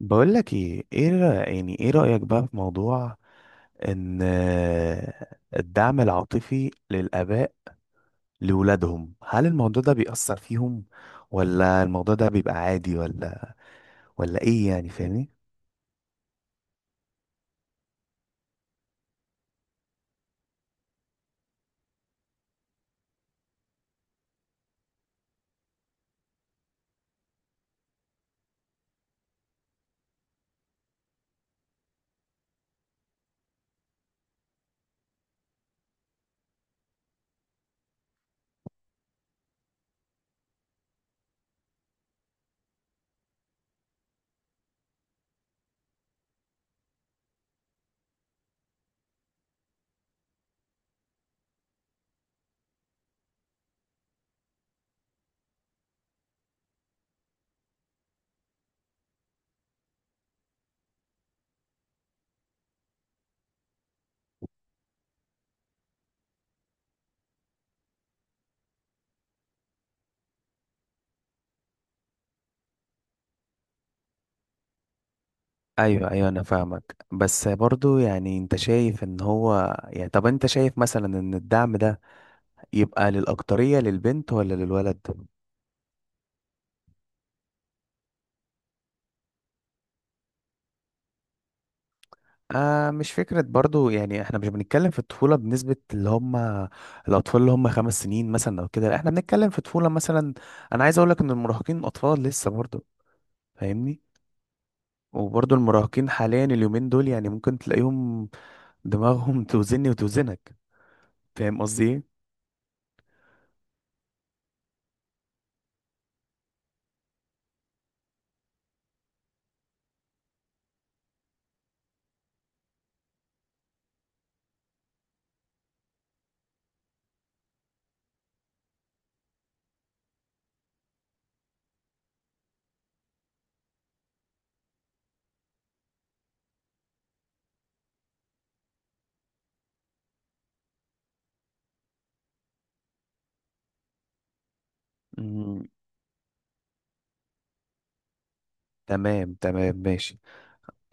بقول لك ايه ايه رأ- يعني ايه رأيك بقى في موضوع ان، الدعم العاطفي للآباء لولادهم. هل الموضوع ده بيأثر فيهم، ولا الموضوع ده بيبقى عادي، ولا ايه؟ يعني فاهمني؟ ايوه ايوه، انا فاهمك. بس برضو يعني انت شايف ان هو، يعني طب انت شايف مثلا ان الدعم ده يبقى للأكترية للبنت ولا للولد؟ آه، مش فكرة برضو. يعني احنا مش بنتكلم في الطفولة بنسبة اللي هم الأطفال اللي هم 5 سنين مثلا أو كده. لا احنا بنتكلم في طفولة مثلا. أنا عايز أقولك إن المراهقين أطفال لسه برضو، فاهمني؟ وبرضو المراهقين حاليا اليومين دول يعني ممكن تلاقيهم دماغهم توزني وتوزنك. فاهم قصدي إيه؟ مم. تمام تمام، ماشي.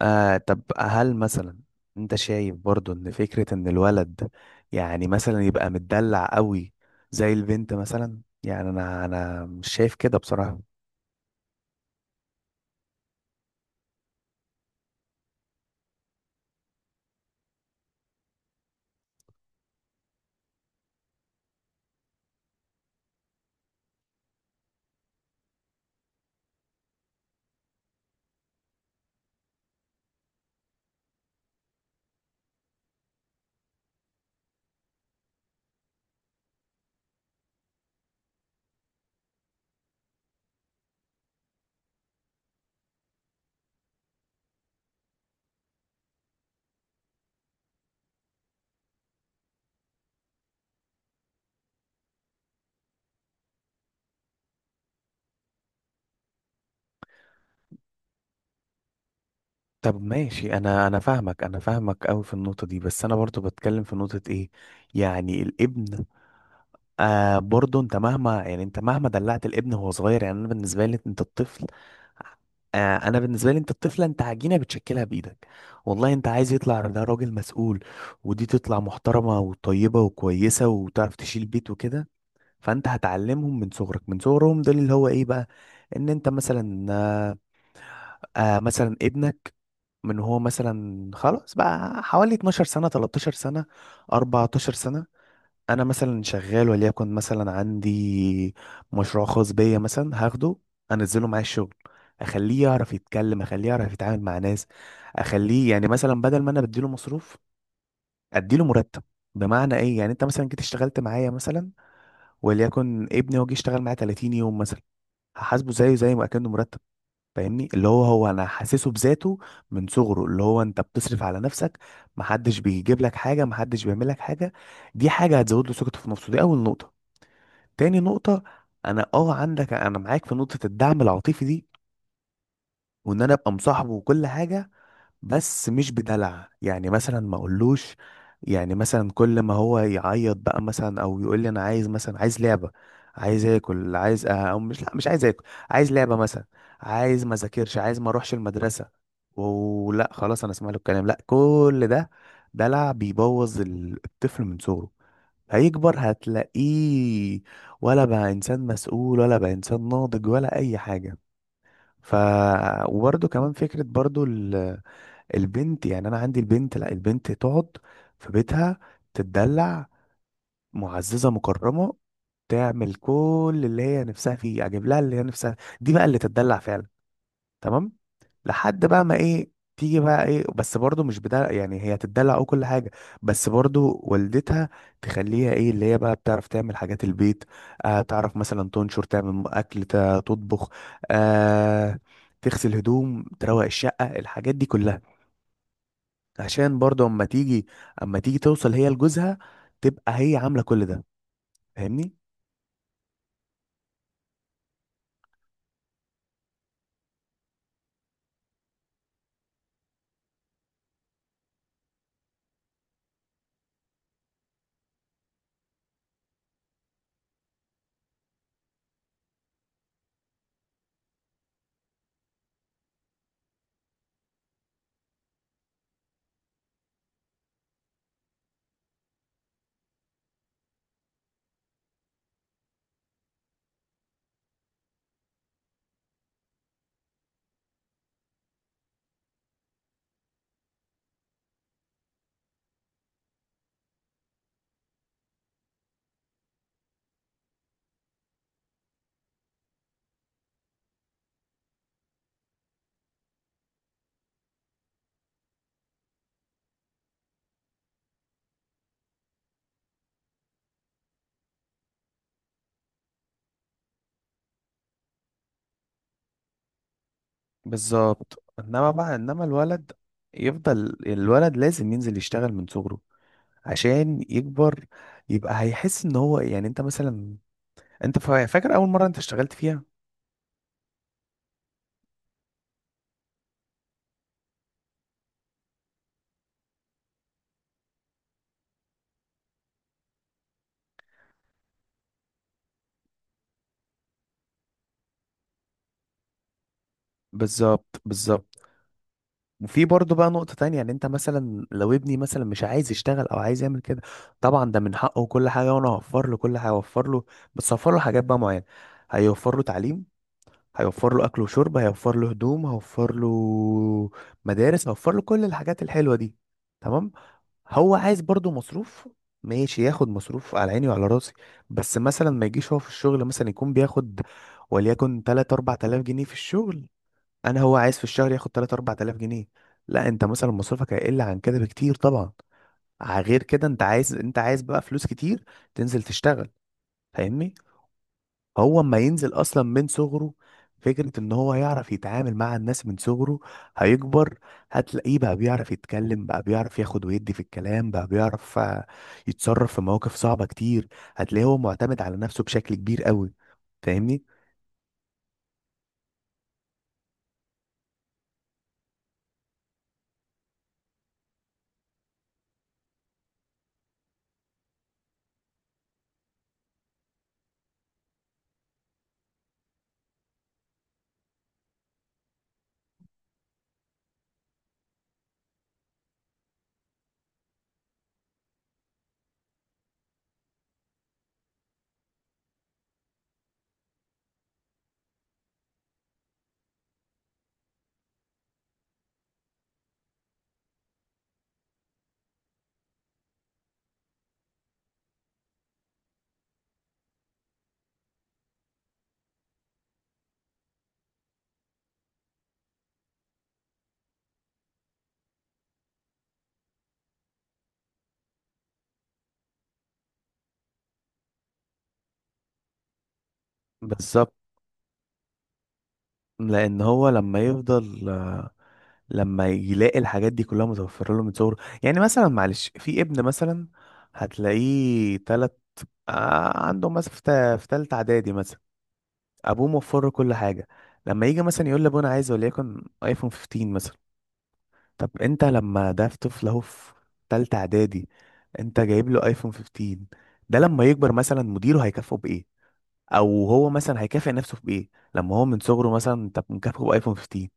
آه، طب هل مثلا انت شايف برضو ان فكرة ان الولد يعني مثلا يبقى متدلع قوي زي البنت مثلا؟ يعني انا مش شايف كده بصراحة. طب ماشي، انا فاهمك، انا فاهمك قوي في النقطة دي. بس انا برضو بتكلم في نقطة ايه، يعني الابن. آه، برضه انت مهما، يعني انت مهما دلعت الابن وهو صغير، يعني انا بالنسبه لي انت الطفل، آه انا بالنسبه لي انت الطفله، انت عجينه بتشكلها بايدك والله. انت عايز يطلع ده راجل مسؤول، ودي تطلع محترمه وطيبه وكويسه وتعرف تشيل بيت وكده. فانت هتعلمهم من صغرك، من صغرهم دول، اللي هو ايه بقى، ان انت مثلا مثلا ابنك من هو مثلا خلاص بقى حوالي 12 سنه، 13 سنه، 14 سنه. انا مثلا شغال، وليكن مثلا عندي مشروع خاص بيا مثلا، هاخده انزله معايا الشغل، اخليه يعرف يتكلم، اخليه يعرف يتعامل مع ناس، اخليه يعني مثلا بدل ما انا بديله مصروف، اديله مرتب. بمعنى ايه؟ يعني انت مثلا جيت اشتغلت معايا مثلا، وليكن ابني هو جه اشتغل معايا 30 يوم مثلا، هحاسبه زيه زي ما كانه مرتب. فاهمني؟ اللي هو انا حاسسه بذاته من صغره، اللي هو انت بتصرف على نفسك، محدش بيجيب لك حاجه، محدش بيعمل لك حاجه. دي حاجه هتزود له ثقته في نفسه، دي اول نقطه. تاني نقطة: أنا عندك، أنا معاك في نقطة الدعم العاطفي دي، وإن أنا أبقى مصاحبه وكل حاجة. بس مش بدلع، يعني مثلا ما أقولوش. يعني مثلا كل ما هو يعيط بقى مثلا، أو يقول لي أنا عايز مثلا، عايز لعبة، عايز آكل، عايز أو مش، لا مش عايز آكل، عايز لعبة مثلا، عايز ما أذاكرش، عايز ما أروحش المدرسة، ولا خلاص أنا أسمع له الكلام. لا، كل ده دلع بيبوظ الطفل من صغره. هيكبر هتلاقيه ولا بقى انسان مسؤول، ولا بقى انسان ناضج، ولا اي حاجه. ف وبرده كمان فكره برضو، البنت. يعني انا عندي البنت، لا البنت تقعد في بيتها، تتدلع معززه مكرمه، تعمل كل اللي هي نفسها فيه، اجيب لها اللي هي نفسها. دي بقى اللي تتدلع فعلا. تمام. لحد بقى ما ايه، تيجي بقى ايه، بس برضو مش بدلع، يعني هي تدلع او كل حاجه، بس برضو والدتها تخليها ايه، اللي هي بقى بتعرف تعمل حاجات البيت. آه، تعرف مثلا تنشر، تعمل اكل، تطبخ، آه، تغسل هدوم، تروق الشقه، الحاجات دي كلها. عشان برضو اما تيجي، اما تيجي توصل هي لجوزها تبقى هي عامله كل ده. فاهمني؟ بالظبط، انما بقى، انما الولد يفضل الولد لازم ينزل يشتغل من صغره، عشان يكبر يبقى هيحس ان هو، يعني انت مثلا، انت فاكر اول مره انت اشتغلت فيها؟ بالظبط بالظبط. وفي برضه بقى نقطه تانية، يعني انت مثلا لو ابني مثلا مش عايز يشتغل، او عايز يعمل كده، طبعا ده من حقه وكل حاجه، وانا هوفر له كل حاجه هوفر له. بس هوفر له حاجات بقى معينه. هيوفر له تعليم، هيوفر له اكل وشرب، هيوفر له هدوم، هيوفر له مدارس، هيوفر له كل الحاجات الحلوه دي. تمام. هو عايز برضو مصروف، ماشي ياخد مصروف على عيني وعلى راسي. بس مثلا ما يجيش هو في الشغل مثلا يكون بياخد وليكن 3 4000 جنيه في الشغل، انا هو عايز في الشهر ياخد 3 4000 جنيه؟ لا، انت مثلا مصروفك هيقل عن كده بكتير طبعا. غير كده، انت عايز، انت عايز بقى فلوس كتير، تنزل تشتغل. فاهمني؟ هو اما ينزل اصلا من صغره، فكرة ان هو يعرف يتعامل مع الناس من صغره، هيكبر هتلاقيه بقى بيعرف يتكلم، بقى بيعرف ياخد ويدي في الكلام، بقى بيعرف يتصرف في مواقف صعبة كتير. هتلاقيه هو معتمد على نفسه بشكل كبير قوي. فاهمني؟ بالظبط. لان هو لما يفضل، لما يلاقي الحاجات دي كلها متوفرة له من صغره. يعني مثلا معلش، في ابن مثلا هتلاقيه تلت، عنده مثلا في في تالتة اعدادي مثلا، ابوه موفر له كل حاجه. لما يجي مثلا يقول لابوه انا عايز وليكن ايفون 15 مثلا، طب انت لما ده في طفل اهو في تالتة اعدادي، انت جايب له ايفون 15، ده لما يكبر مثلا مديره هيكافئه بايه؟ او هو مثلا هيكافئ نفسه بايه لما هو من صغره مثلا انت مكافئه بايفون 15؟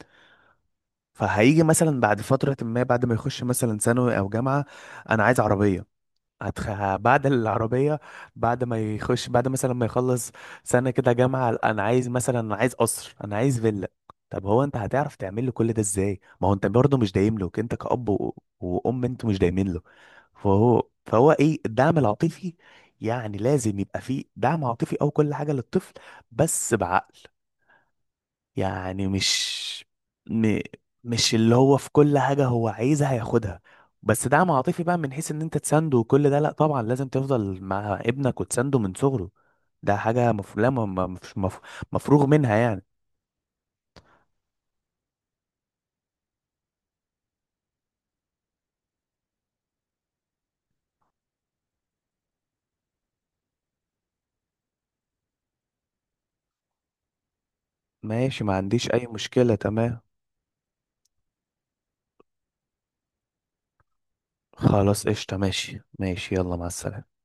فهيجي مثلا بعد فترة، ما بعد ما يخش مثلا ثانوي او جامعة: انا عايز عربية. بعد العربية، بعد ما يخش بعد مثلا ما يخلص سنة كده جامعة: أنا عايز مثلا، أنا عايز قصر، أنا عايز فيلا. طب هو أنت هتعرف تعمل له كل ده إزاي؟ ما هو أنت برضه مش دايم له، أنت كأب وأم، أنتوا مش دايمين له. فهو إيه الدعم العاطفي؟ يعني لازم يبقى فيه دعم عاطفي أو كل حاجة للطفل، بس بعقل. يعني مش م... مش اللي هو في كل حاجة هو عايزها هياخدها. بس دعم عاطفي بقى من حيث ان انت تسنده وكل ده، لا طبعا لازم تفضل مع ابنك وتسنده من صغره، ده حاجة مف... لا ما- ما- مش مف... مفروغ منها يعني. ماشي، ما عنديش اي مشكلة، تمام. خلاص قشطة، ماشي ماشي، يلا مع السلامة.